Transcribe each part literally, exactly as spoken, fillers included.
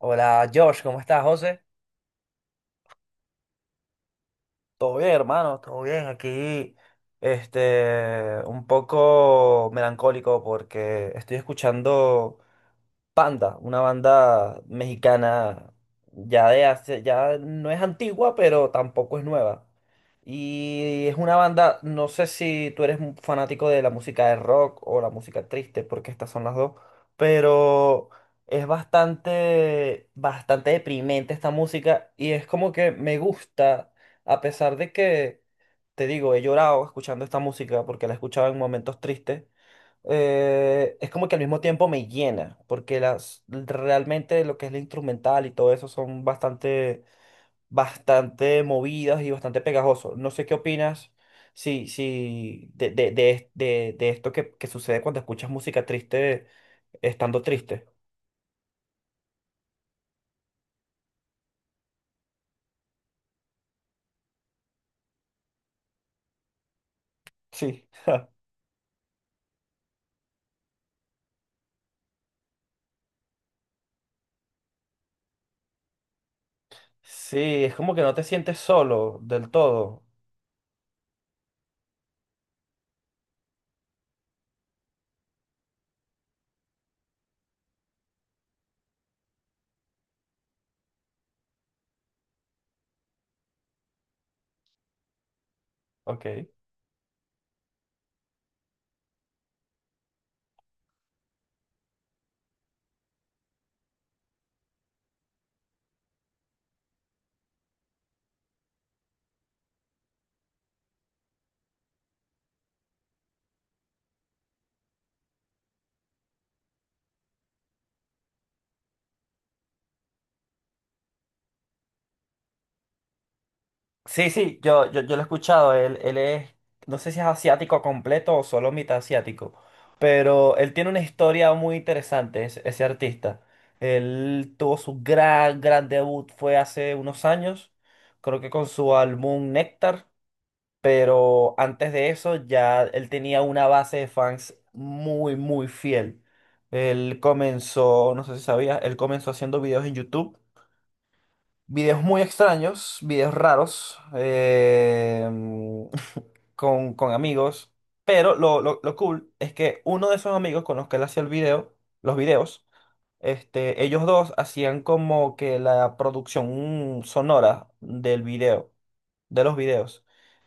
Hola Josh, ¿cómo estás, José? Todo bien, hermano, todo bien. Aquí, este, un poco melancólico porque estoy escuchando Panda, una banda mexicana ya de hace, ya no es antigua, pero tampoco es nueva. Y es una banda, no sé si tú eres un fanático de la música de rock o la música triste, porque estas son las dos, pero es bastante, bastante deprimente esta música y es como que me gusta, a pesar de que, te digo, he llorado escuchando esta música porque la escuchaba en momentos tristes, eh, es como que al mismo tiempo me llena, porque las, realmente lo que es la instrumental y todo eso son bastante, bastante movidas y bastante pegajosos. No sé qué opinas si, si de, de, de, es- de- de esto que, que sucede cuando escuchas música triste estando triste. Sí. Sí, es como que no te sientes solo del todo. Ok. Sí, sí, yo, yo, yo lo he escuchado. Él, él es, no sé si es asiático completo o solo mitad asiático, pero él tiene una historia muy interesante, ese, ese artista. Él tuvo su gran, gran debut, fue hace unos años, creo que con su álbum Néctar, pero antes de eso ya él tenía una base de fans muy, muy fiel. Él comenzó, no sé si sabías, él comenzó haciendo videos en YouTube. Videos muy extraños, videos raros, eh, con, con amigos. Pero lo, lo- lo cool es que uno de esos amigos con los que él hacía el video, los videos, este, ellos dos hacían como que la producción sonora del video, de los videos.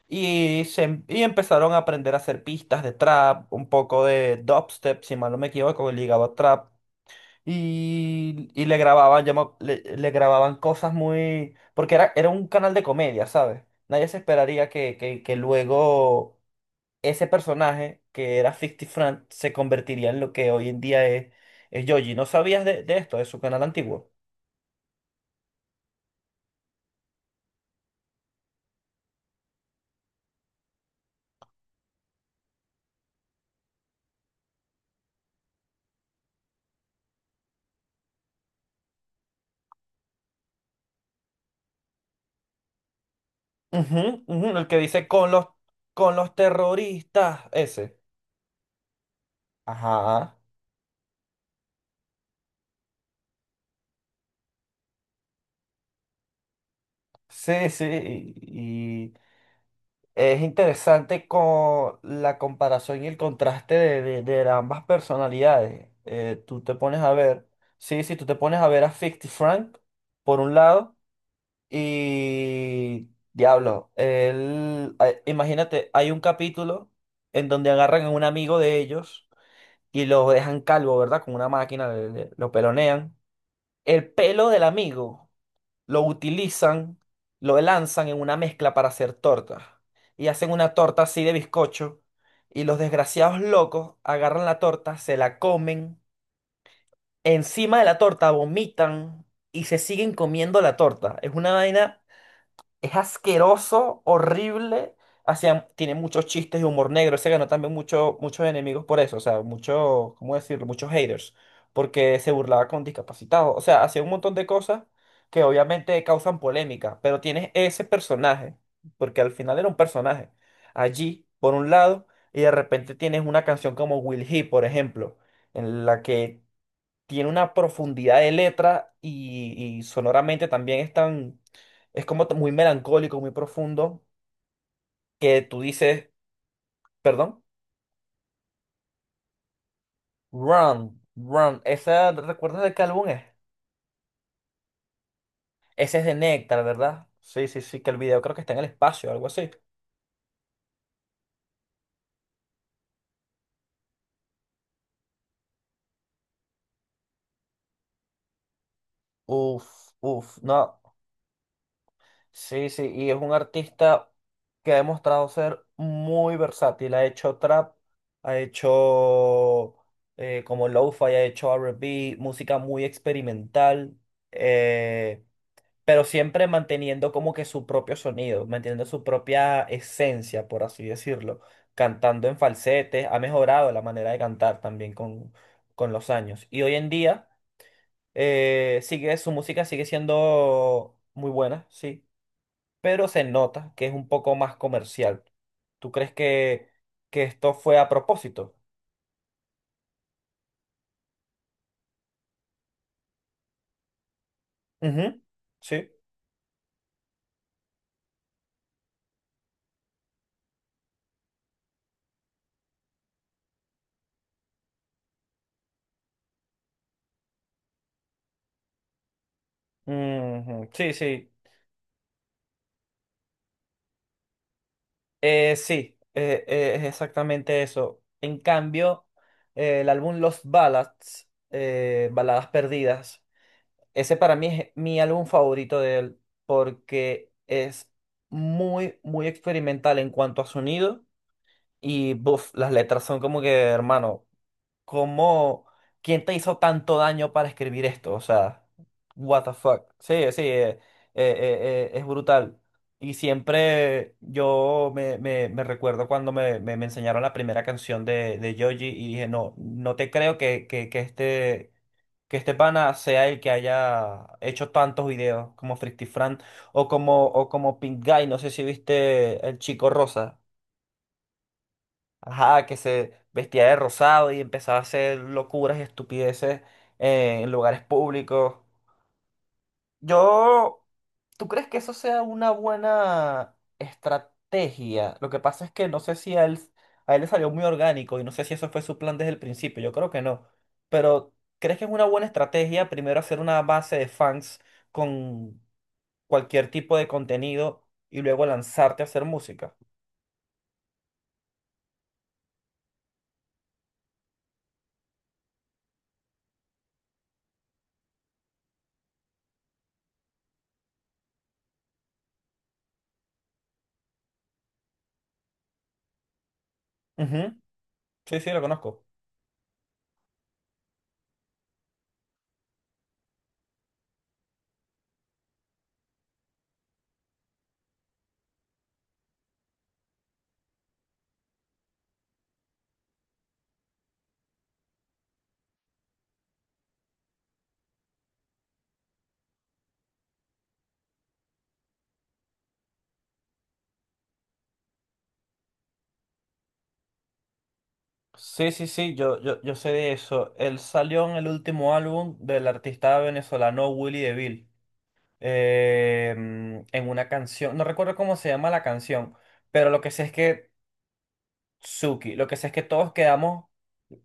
Y, se, em- y empezaron a aprender a hacer pistas de trap, un poco de dubstep, si mal no me equivoco, ligado a trap y, y le grababan, yo me- le, le grababan cosas muy... Porque era, era un canal de comedia, ¿sabes? Nadie se esperaría que, que, que luego ese personaje, que era cincuenta Frank, se convertiría en lo que hoy en día es, es Yoji. ¿No sabías de, de esto, de su canal antiguo? Ujú, ujú, el que dice con los, con los terroristas, ese. Ajá. Sí, sí. Y es interesante con la comparación y el contraste de, de- de ambas personalidades. Eh, tú te pones a ver, sí, sí, tú te pones a ver a cincuenta Frank, por un lado, y Diablo, él, eh, imagínate, hay un capítulo en donde agarran a un amigo de ellos y lo dejan calvo, ¿verdad? Con una máquina, le- le- lo pelonean. El pelo del amigo lo utilizan, lo lanzan en una mezcla para hacer tortas. Y hacen una torta así de bizcocho. Y los desgraciados locos agarran la torta, se la comen. Encima de la torta vomitan y se siguen comiendo la torta. Es una vaina, es asqueroso, horrible. Hacían, tiene muchos chistes de humor negro. Se ganó también mucho, muchos enemigos por eso. O sea, muchos, ¿cómo decirlo? Muchos haters. Porque se burlaba con discapacitados. O sea, hacía un montón de cosas que obviamente causan polémica. Pero tienes ese personaje. Porque al final era un personaje. Allí, por un lado. Y de repente tienes una canción como Will He, por ejemplo. En la que tiene una profundidad de letra y, y sonoramente también es tan, es como muy melancólico, muy profundo, que tú dices, perdón, Run, Run, ¿esa, recuerdas de qué álbum es? Ese es de Nectar, ¿verdad? Sí, sí, sí, que el video creo que está en el espacio, algo así. Uf, uf, no. Sí, sí, y es un artista que ha demostrado ser muy versátil. Ha hecho trap, ha hecho eh, como lo-fi, ha hecho R and B, música muy experimental, eh, pero siempre manteniendo como que su propio sonido, manteniendo su propia esencia, por así decirlo. Cantando en falsete, ha mejorado la manera de cantar también con, con los años. Y hoy en día eh, sigue, su música sigue siendo muy buena, sí, pero se nota que es un poco más comercial. ¿Tú crees que, que esto fue a propósito? Ujú, sí. Ujú, sí, sí. Eh, sí, eh, eh, es exactamente eso. En cambio, eh, el álbum Lost Ballads, eh, Baladas Perdidas, ese para mí es mi álbum favorito de él porque es muy, muy experimental en cuanto a sonido y, buf, las letras son como que, hermano, ¿cómo? ¿Quién te hizo tanto daño para escribir esto? O sea, what the fuck. Sí, sí, eh, eh, eh, eh, es brutal. Y siempre yo me, me, me recuerdo cuando me, me, me enseñaron la primera canción de, de Yoji y dije, no, no te creo que, que, que este, que este pana sea el que haya hecho tantos videos como Frictifran o como, o como Pink Guy, no sé si viste El Chico Rosa. Ajá, que se vestía de rosado y empezaba a hacer locuras y estupideces, eh, en lugares públicos. Yo, ¿tú crees que eso sea una buena estrategia? Lo que pasa es que no sé si a él, a él le salió muy orgánico y no sé si eso fue su plan desde el principio. Yo creo que no. Pero, ¿crees que es una buena estrategia primero hacer una base de fans con cualquier tipo de contenido y luego lanzarte a hacer música? Ujú, sí, sí, lo conozco. Sí, sí, sí, yo, yo, yo sé de eso. Él salió en el último álbum del artista venezolano Willy DeVille. eh, mm, en una canción, no recuerdo cómo se llama la canción, pero lo que sé es que Suki, lo que sé es que todos quedamos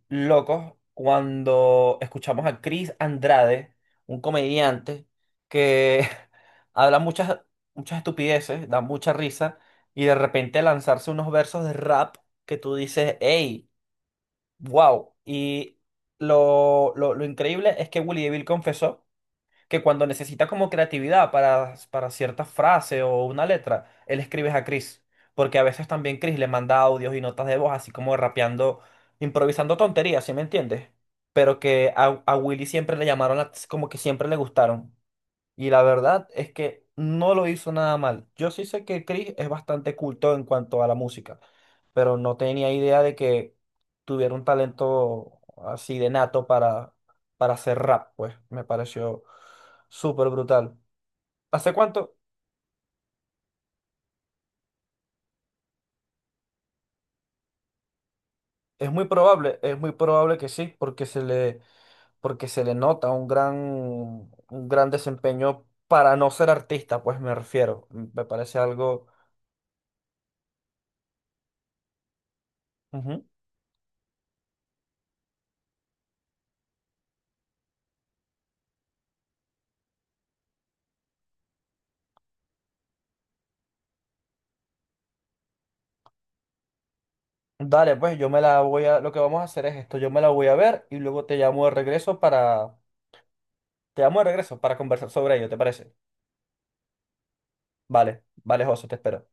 locos cuando escuchamos a Chris Andrade, un comediante que habla muchas, muchas estupideces, da mucha risa, y de repente lanzarse unos versos de rap que tú dices, hey. Wow. Y lo, lo, lo increíble es que Willy DeVille confesó que cuando necesita como creatividad para, para cierta frase o una letra, él escribe a Chris. Porque a veces también Chris le manda audios y notas de voz, así como rapeando, improvisando tonterías, ¿sí me entiendes? Pero que a, a Willy siempre le llamaron, la- como que siempre le gustaron. Y la verdad es que no lo hizo nada mal. Yo sí sé que Chris es bastante culto en cuanto a la música, pero no tenía idea de que tuviera un talento así de nato para, para hacer rap, pues me pareció súper brutal. ¿Hace cuánto? Es muy probable, es muy probable que sí, porque se le, porque se le nota un gran, un gran desempeño para no ser artista, pues me refiero. Me parece algo. Dale, pues yo me la voy a, lo que vamos a hacer es esto, yo me la voy a ver y luego te llamo de regreso para, te llamo de regreso para conversar sobre ello, ¿te parece? Vale, vale, José, te espero.